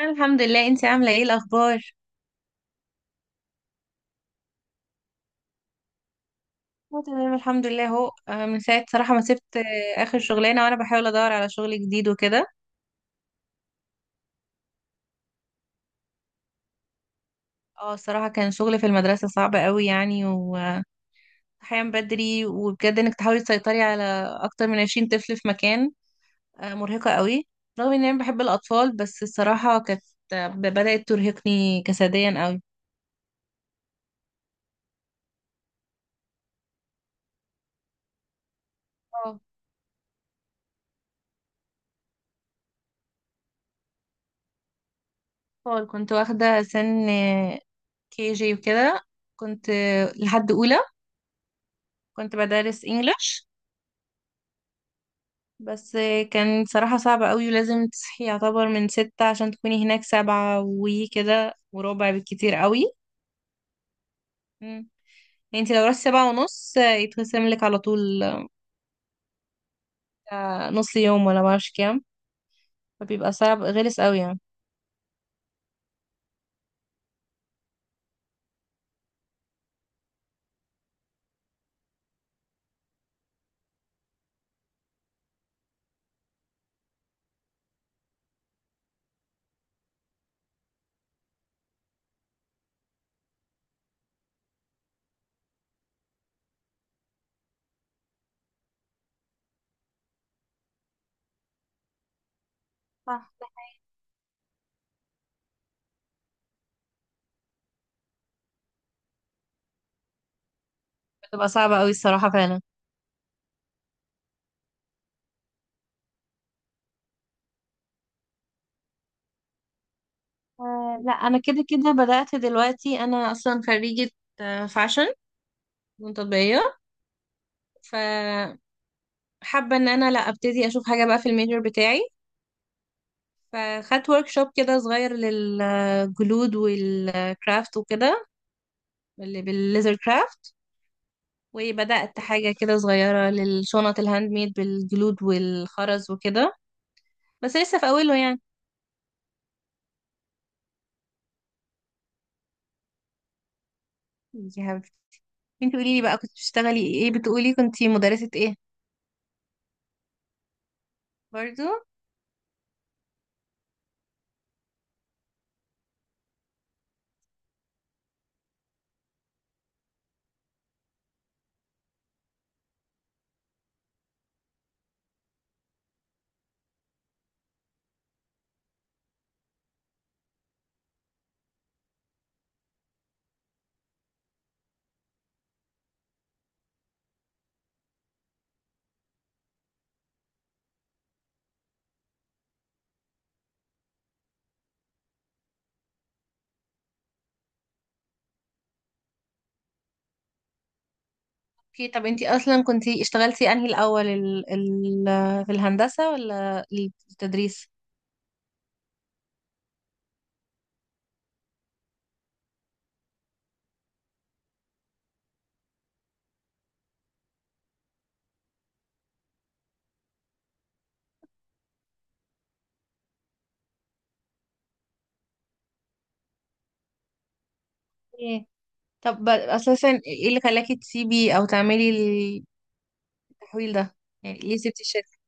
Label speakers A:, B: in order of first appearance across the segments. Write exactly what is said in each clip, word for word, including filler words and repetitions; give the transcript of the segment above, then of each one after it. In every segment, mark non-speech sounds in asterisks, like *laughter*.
A: الحمد لله، انتي عامله ايه الاخبار؟ اه تمام، الحمد لله اهو. آه، من ساعه صراحه ما سبت آه، اخر شغلانه، وانا بحاول ادور على شغل جديد وكده. اه، الصراحه كان شغل في المدرسه صعب قوي يعني، وصحيان بدري. وبجد انك تحاولي تسيطري على اكتر من 20 طفل في مكان. آه، مرهقه قوي. رغم ان انا بحب الاطفال، بس الصراحه كانت آه، بدات ترهقني جسديا قوي. اه، اطفال. كنت واخده سن كي جي وكده. كنت آه، لحد اولى. كنت بدرس انجلش بس. كان صراحة صعب قوي، ولازم تصحي يعتبر من ستة عشان تكوني هناك سبعة وكده وربع بالكتير قوي. مم. يعني انت لو رحتي سبعة ونص آه، يتخصم لك على طول. آه، نص يوم ولا معرفش كام. فبيبقى صعب غلس قوي يعني. صح. بتبقى صعبة قوي الصراحة، فعلا. آه لا، أنا كده كده بدأت دلوقتي. أنا أصلا خريجة آه، فاشن، فنون تطبيقية. فحابة إن أنا لا أبتدي أشوف حاجة بقى في الميجر بتاعي. فخدت ورك شوب كده صغير للجلود والكرافت وكده، اللي بالليزر كرافت. وبدأت حاجة كده صغيرة للشنط الهاند ميد بالجلود والخرز وكده، بس لسه في أوله يعني. يا حبيبتي. انتي قوليلي بقى، كنت بتشتغلي ايه؟ بتقولي كنتي مدرسة ايه؟ برضو. اوكي، طب انتي اصلا كنتي اشتغلتي انهي الأول، ال... ال... في الهندسة ولا التدريس؟ ايه. طب أساسا ايه اللي خلاكي تسيبي أو تعملي التحويل ده؟ يعني ليه سبتي الشركة؟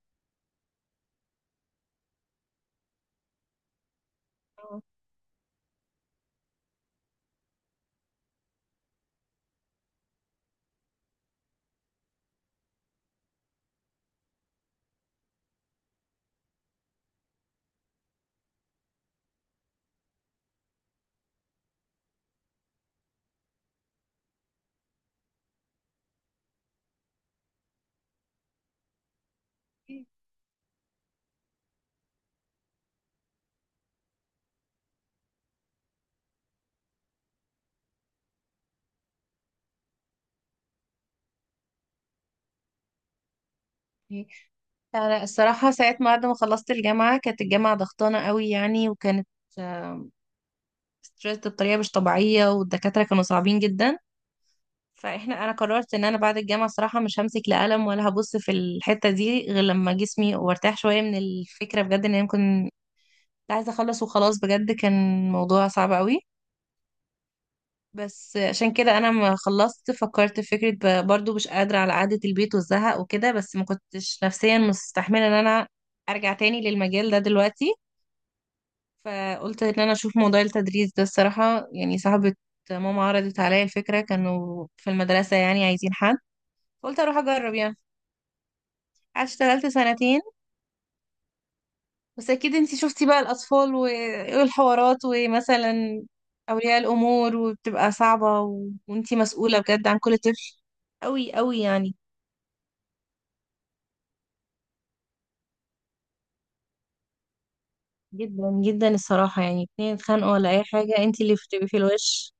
A: انا الصراحه ساعه ما بعد ما خلصت الجامعه، كانت الجامعه ضغطانه قوي يعني، وكانت ستريس بطريقه مش طبيعيه، والدكاتره كانوا صعبين جدا. فاحنا انا قررت ان انا بعد الجامعه الصراحه مش همسك لا قلم ولا هبص في الحته دي، غير لما جسمي وارتاح شويه من الفكره بجد، ان انا ممكن عايزه اخلص وخلاص. بجد كان موضوع صعب قوي. بس عشان كده انا ما خلصت فكرت في فكره، ب- برضو مش قادره على قعده البيت والزهق وكده، بس ما كنتش نفسيا مستحمله ان انا ارجع تاني للمجال ده دلوقتي. فقلت ان انا اشوف موضوع التدريس ده، الصراحه يعني صاحبه ماما عرضت عليا الفكره، كانوا في المدرسه يعني عايزين حد. قلت اروح اجرب يعني. قعدت اشتغلت سنتين. بس اكيد انتي شفتي بقى الاطفال و- والحوارات، ومثلا اولياء الامور، وبتبقى صعبه و... وانتي مسؤوله بجد عن كل طفل. قوي قوي يعني. جدا جدا الصراحة، يعني اتنين اتخانقوا ولا أي حاجة انتي اللي بتبقي في الوش.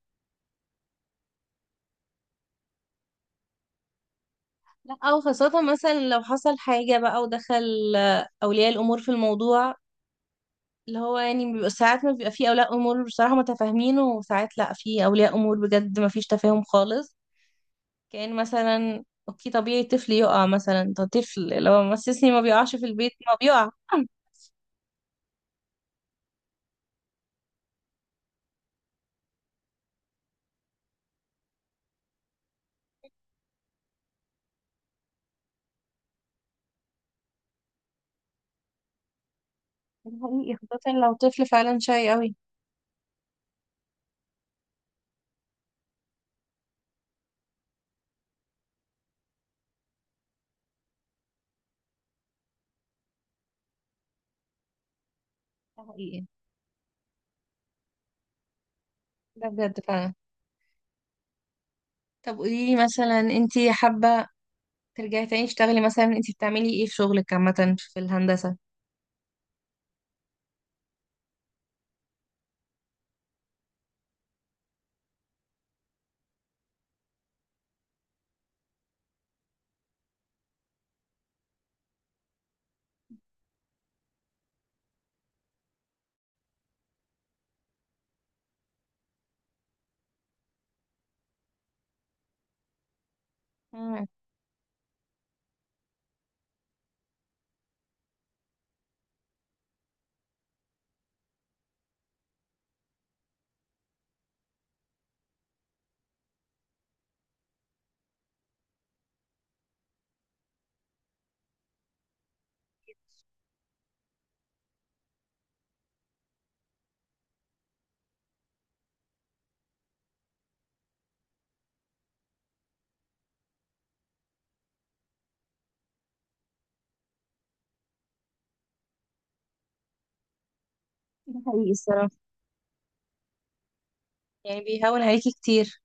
A: لا، أو خاصة مثلا لو حصل حاجة بقى ودخل آه، أولياء الأمور في الموضوع. اللي هو يعني بيبقى ساعات ما بيبقى في أولياء أمور بصراحة متفاهمين، وساعات لا، في أولياء أمور بجد ما فيش تفاهم خالص. كأن مثلا، اوكي طبيعي طفل يقع، مثلا ده طفل لو مسسني ما بيقعش في البيت ما بيقع. *laughs* ده حقيقي، خاصة لو طفل فعلا شاي قوي. ده حقيقي. ده بجد فعلا. طب قوليلي مثلا، انتي حابة ترجعي تاني تشتغلي؟ مثلا انت بتعملي ايه في شغلك عامة في الهندسة؟ مم، ده حقيقي الصراحة. يعني بيهون عليكي كتير.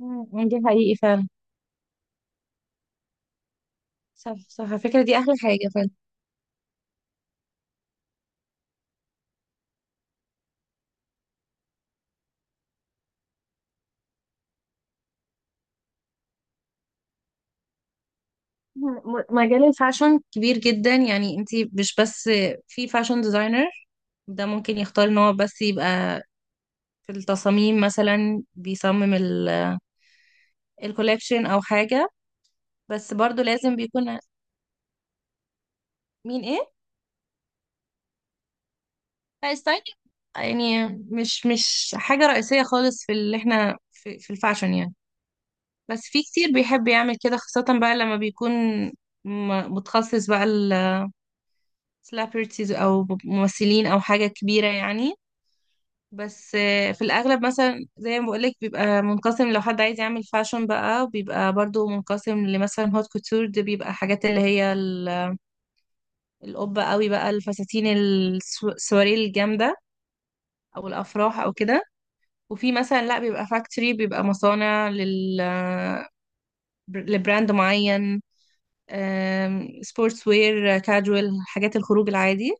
A: مم، ده حقيقي فعلا. صح، صح، على فكرة دي أحلى حاجة فعلا. مم، مجال الفاشن كبير جدا، يعني انت مش بس في فاشن ديزاينر. ده ممكن يختار ان هو بس يبقى في التصاميم، مثلا بيصمم ال- الكوليكشن او حاجة. بس برضو لازم بيكون. مين ايه. لا، ستايل يعني مش مش حاجة رئيسية خالص في اللي احنا في, في الفاشن يعني. بس في كتير بيحب يعمل كده، خاصة بقى لما بيكون م- متخصص بقى السليبرتيز او ممثلين او حاجة كبيرة يعني. بس آه، في الاغلب مثلا زي ما بقولك بيبقى منقسم. لو حد عايز يعمل فاشن بقى، بيبقى برضو منقسم لمثلا هوت كوتور. دي بيبقى حاجات اللي هي ال- القبة قوي بقى، الفساتين السو- السواري الجامدة، او الافراح او كده. وفي مثلا لا، بيبقى فاكتوري، بيبقى مصانع لل لبراند معين، سبورتس وير، كاجوال، حاجات الخروج العادي.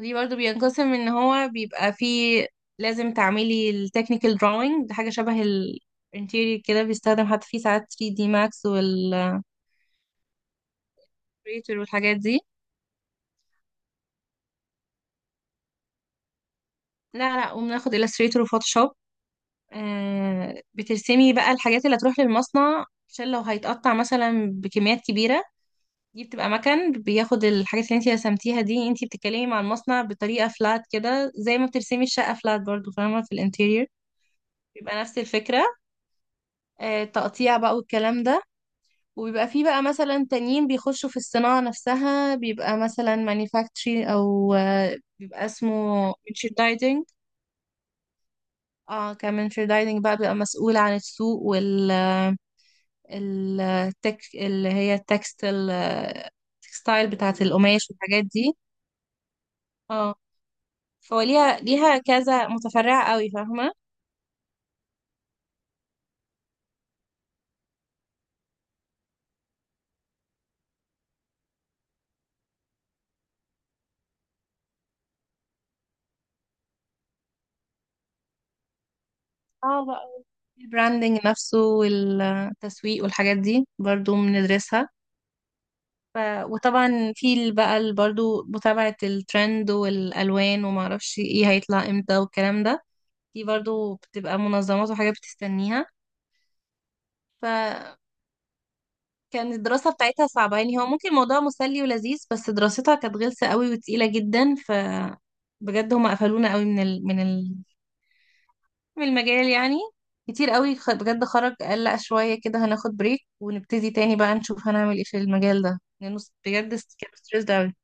A: دي برضو بينقسم ان هو بيبقى فيه. لازم تعملي التكنيكال drawing، ده حاجة شبه الانتيريور كده، بيستخدم حتى فيه ساعات ثري دي Max والإلستريتور والحاجات دي. لا، لا، وبناخد إلستريتور وفوتوشوب. آه بترسمي بقى الحاجات اللي هتروح للمصنع، عشان لو هيتقطع مثلا بكميات كبيرة. دي بتبقى مكان بياخد الحاجات اللي انت رسمتيها دي، انت بتتكلمي مع المصنع بطريقة فلات كده، زي ما بترسمي الشقة فلات برضو، فاهمة، في الانتيريور. بيبقى نفس الفكرة. آه، تقطيع بقى والكلام ده. وبيبقى فيه بقى مثلا تانيين بيخشوا في الصناعة نفسها، بيبقى مثلا مانيفاكتشري، او آه، بيبقى اسمه merchandising. اه، كمرشندايزنج بقى بيبقى مسؤول عن السوق وال ال- التك اللي هي التكستل التكستايل بتاعة القماش والحاجات دي. اه، فليها ليها كذا متفرعة قوي، فاهمة. اه بقى، البراندنج نفسه والتسويق والحاجات دي برضو بندرسها. ف... وطبعا في ال- بقى ال- برضو متابعة الترند والألوان وما اعرفش ايه هيطلع امتى والكلام ده. دي برضو بتبقى منظمات وحاجات بتستنيها. فكان الدراسة بتاعتها صعبة، يعني هو ممكن الموضوع مسلي ولذيذ، بس دراستها كانت غلسة قوي وتقيلة جدا. ف بجد هما قفلونا قوي من ال... من في المجال يعني. كتير قوي، خ- بجد خرج قال لا، شوية كده هناخد بريك ونبتدي تاني بقى، نشوف هنعمل ايه في المجال ده، لأنه س- بجد س- كان ستريسد أوي.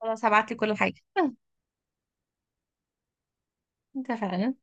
A: خلاص هبعتلي كل حاجة. *laughs* اتفقنا.